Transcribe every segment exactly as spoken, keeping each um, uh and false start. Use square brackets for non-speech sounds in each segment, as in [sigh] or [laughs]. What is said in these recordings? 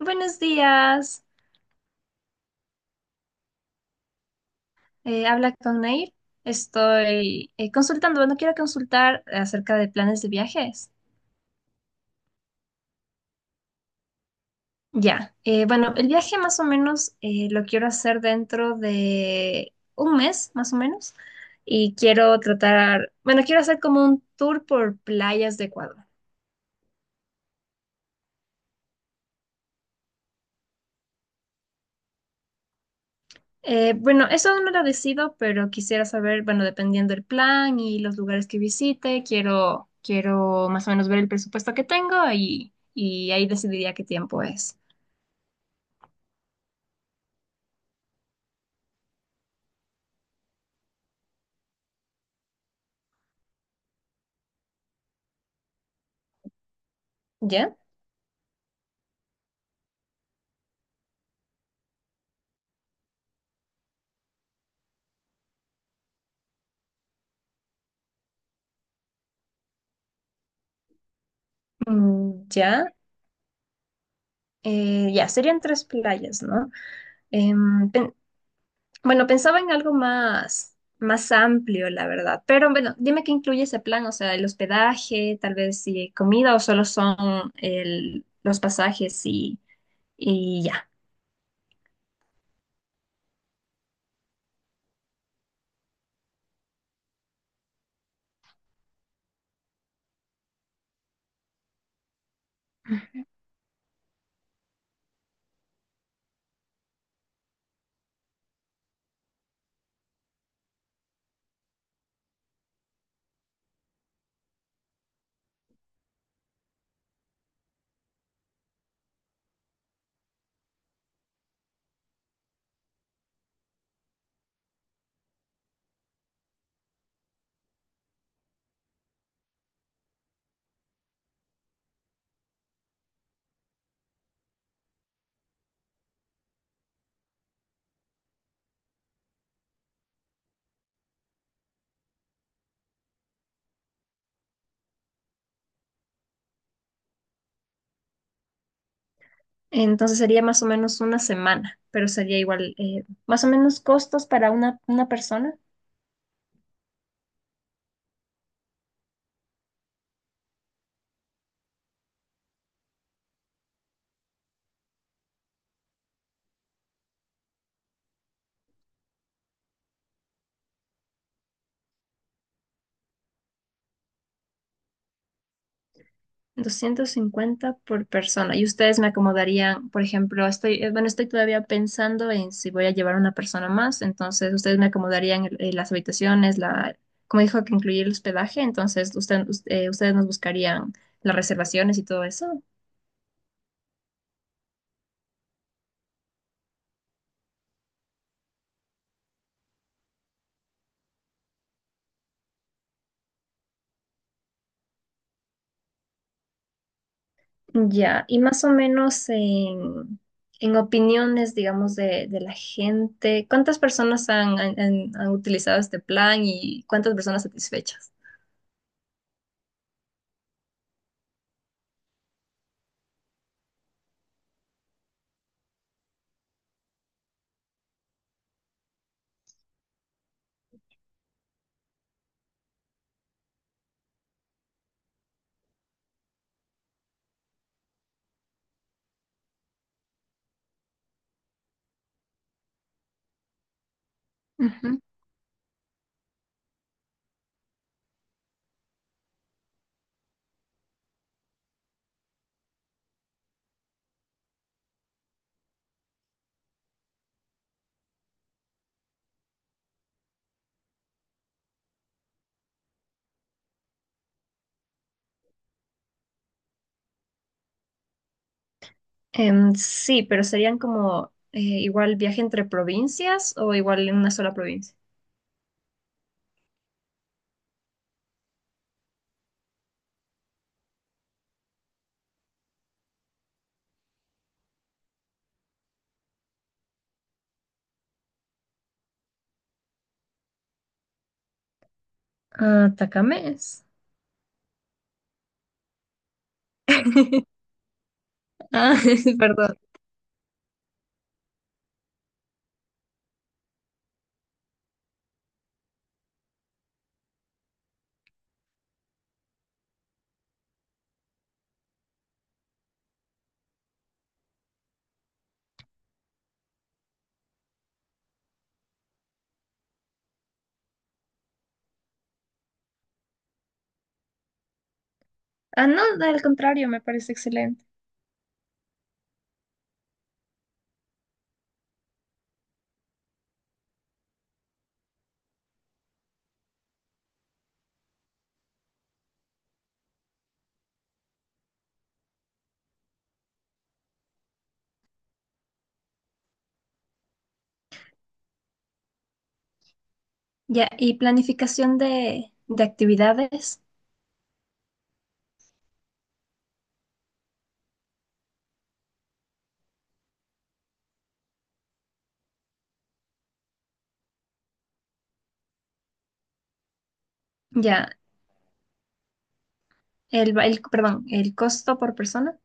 Buenos días, eh, habla con Nair. Estoy eh, consultando, bueno, quiero consultar acerca de planes de viajes. Ya, eh, bueno, el viaje más o menos eh, lo quiero hacer dentro de un mes, más o menos, y quiero tratar, bueno, quiero hacer como un tour por playas de Ecuador. Eh, bueno, eso aún no lo decido, pero quisiera saber, bueno, dependiendo del plan y los lugares que visite, quiero, quiero más o menos ver el presupuesto que tengo y, y ahí decidiría qué tiempo es. ¿Ya? Mm, ya. Eh, ya, serían tres playas, ¿no? Em, pen- bueno, pensaba en algo más, más amplio, la verdad. Pero bueno, dime qué incluye ese plan, o sea, el hospedaje, tal vez si comida o solo son el- los pasajes y, y ya. Entonces sería más o menos una semana, pero sería igual, eh, más o menos costos para una, una persona, doscientos cincuenta por persona. Y ustedes me acomodarían, por ejemplo, estoy, eh, bueno, estoy todavía pensando en si voy a llevar una persona más, entonces ustedes me acomodarían el- eh, las habitaciones, la, como dijo que incluir el hospedaje, entonces usted- us- eh, ustedes nos buscarían las reservaciones y todo eso. Ya, y más o menos en, en opiniones, digamos, de, de la gente, ¿cuántas personas han, han- han- han utilizado este plan y cuántas personas satisfechas? Ujú. Em, sí, pero serían como eh, igual viaje entre provincias o igual en una sola provincia. Ah, Tacamés. [laughs] Ah, [laughs] perdón. Ah, no, al contrario, me parece excelente. Ya, y planificación de, de actividades. Ya, el, ba- el, perdón, el costo por persona.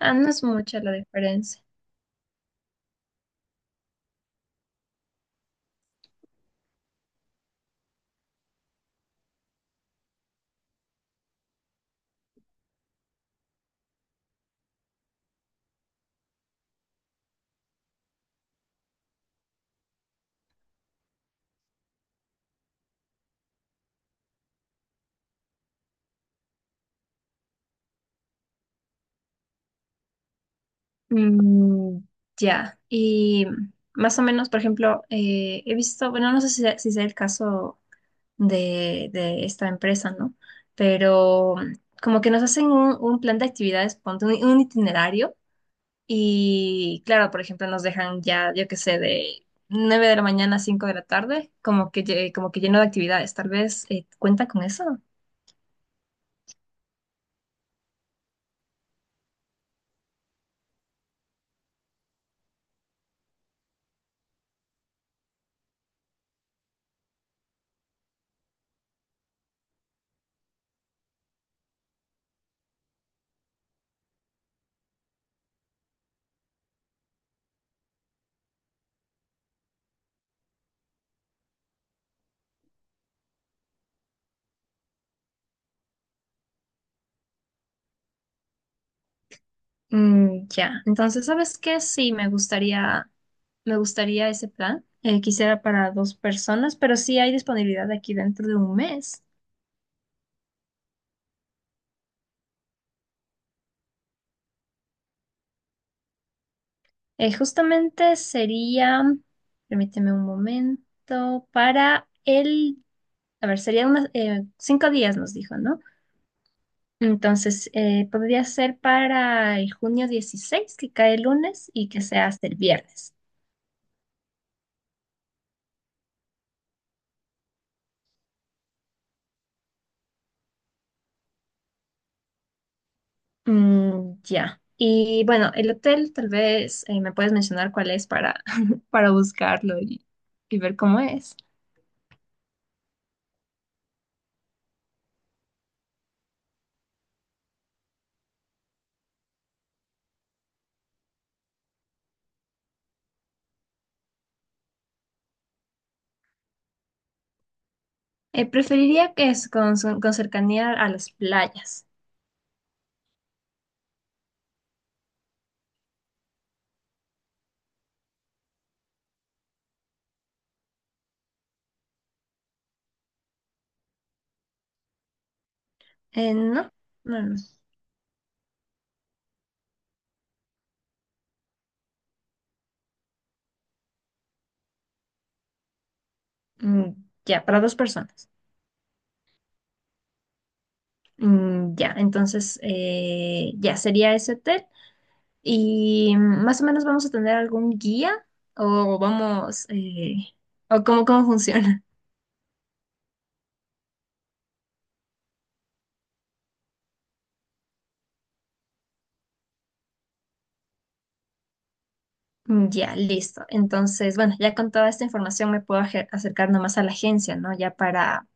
Ah, no es mucha la diferencia. Mm, ya. Y más o menos, por ejemplo, eh, he visto, bueno, no sé si sea, si sea el caso de, de esta empresa, ¿no? Pero mm, como que nos hacen un, un plan de actividades, ponte un, un itinerario. Y claro, por ejemplo, nos dejan ya, yo qué sé, de nueve de la mañana a cinco de la tarde, como que, lle- como que lleno de actividades. Tal vez eh, cuenta con eso. Mm, ya, entonces, ¿sabes qué? Sí, me gustaría, me gustaría ese plan. Eh, quisiera para dos personas, pero sí hay disponibilidad aquí dentro de un mes. Eh, justamente sería, permíteme un momento, para el, a ver, sería unos cinco días, nos dijo, ¿no? Entonces, eh, podría ser para el junio dieciséis que cae el lunes, y que sea hasta el viernes. Mm, ya. Y bueno, el hotel tal vez eh, me puedes mencionar cuál es para, [laughs] para buscarlo y, y ver cómo es. Eh, preferiría que es con, con cercanía a las playas. Eh, no, no, no. Mm, ya, para dos personas. Mm, ya, entonces eh, ya sería ese hotel. Y mm, más o menos vamos a tener algún guía o vamos, eh, o cómo, cómo funciona. Mm, ya, listo. Entonces, bueno, ya con toda esta información me puedo aje- acercar nomás a la agencia, ¿no? Ya para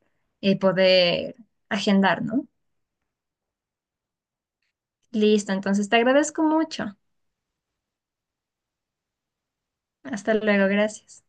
eh, poder agendar, ¿no? Listo, entonces te agradezco mucho. Hasta luego, gracias.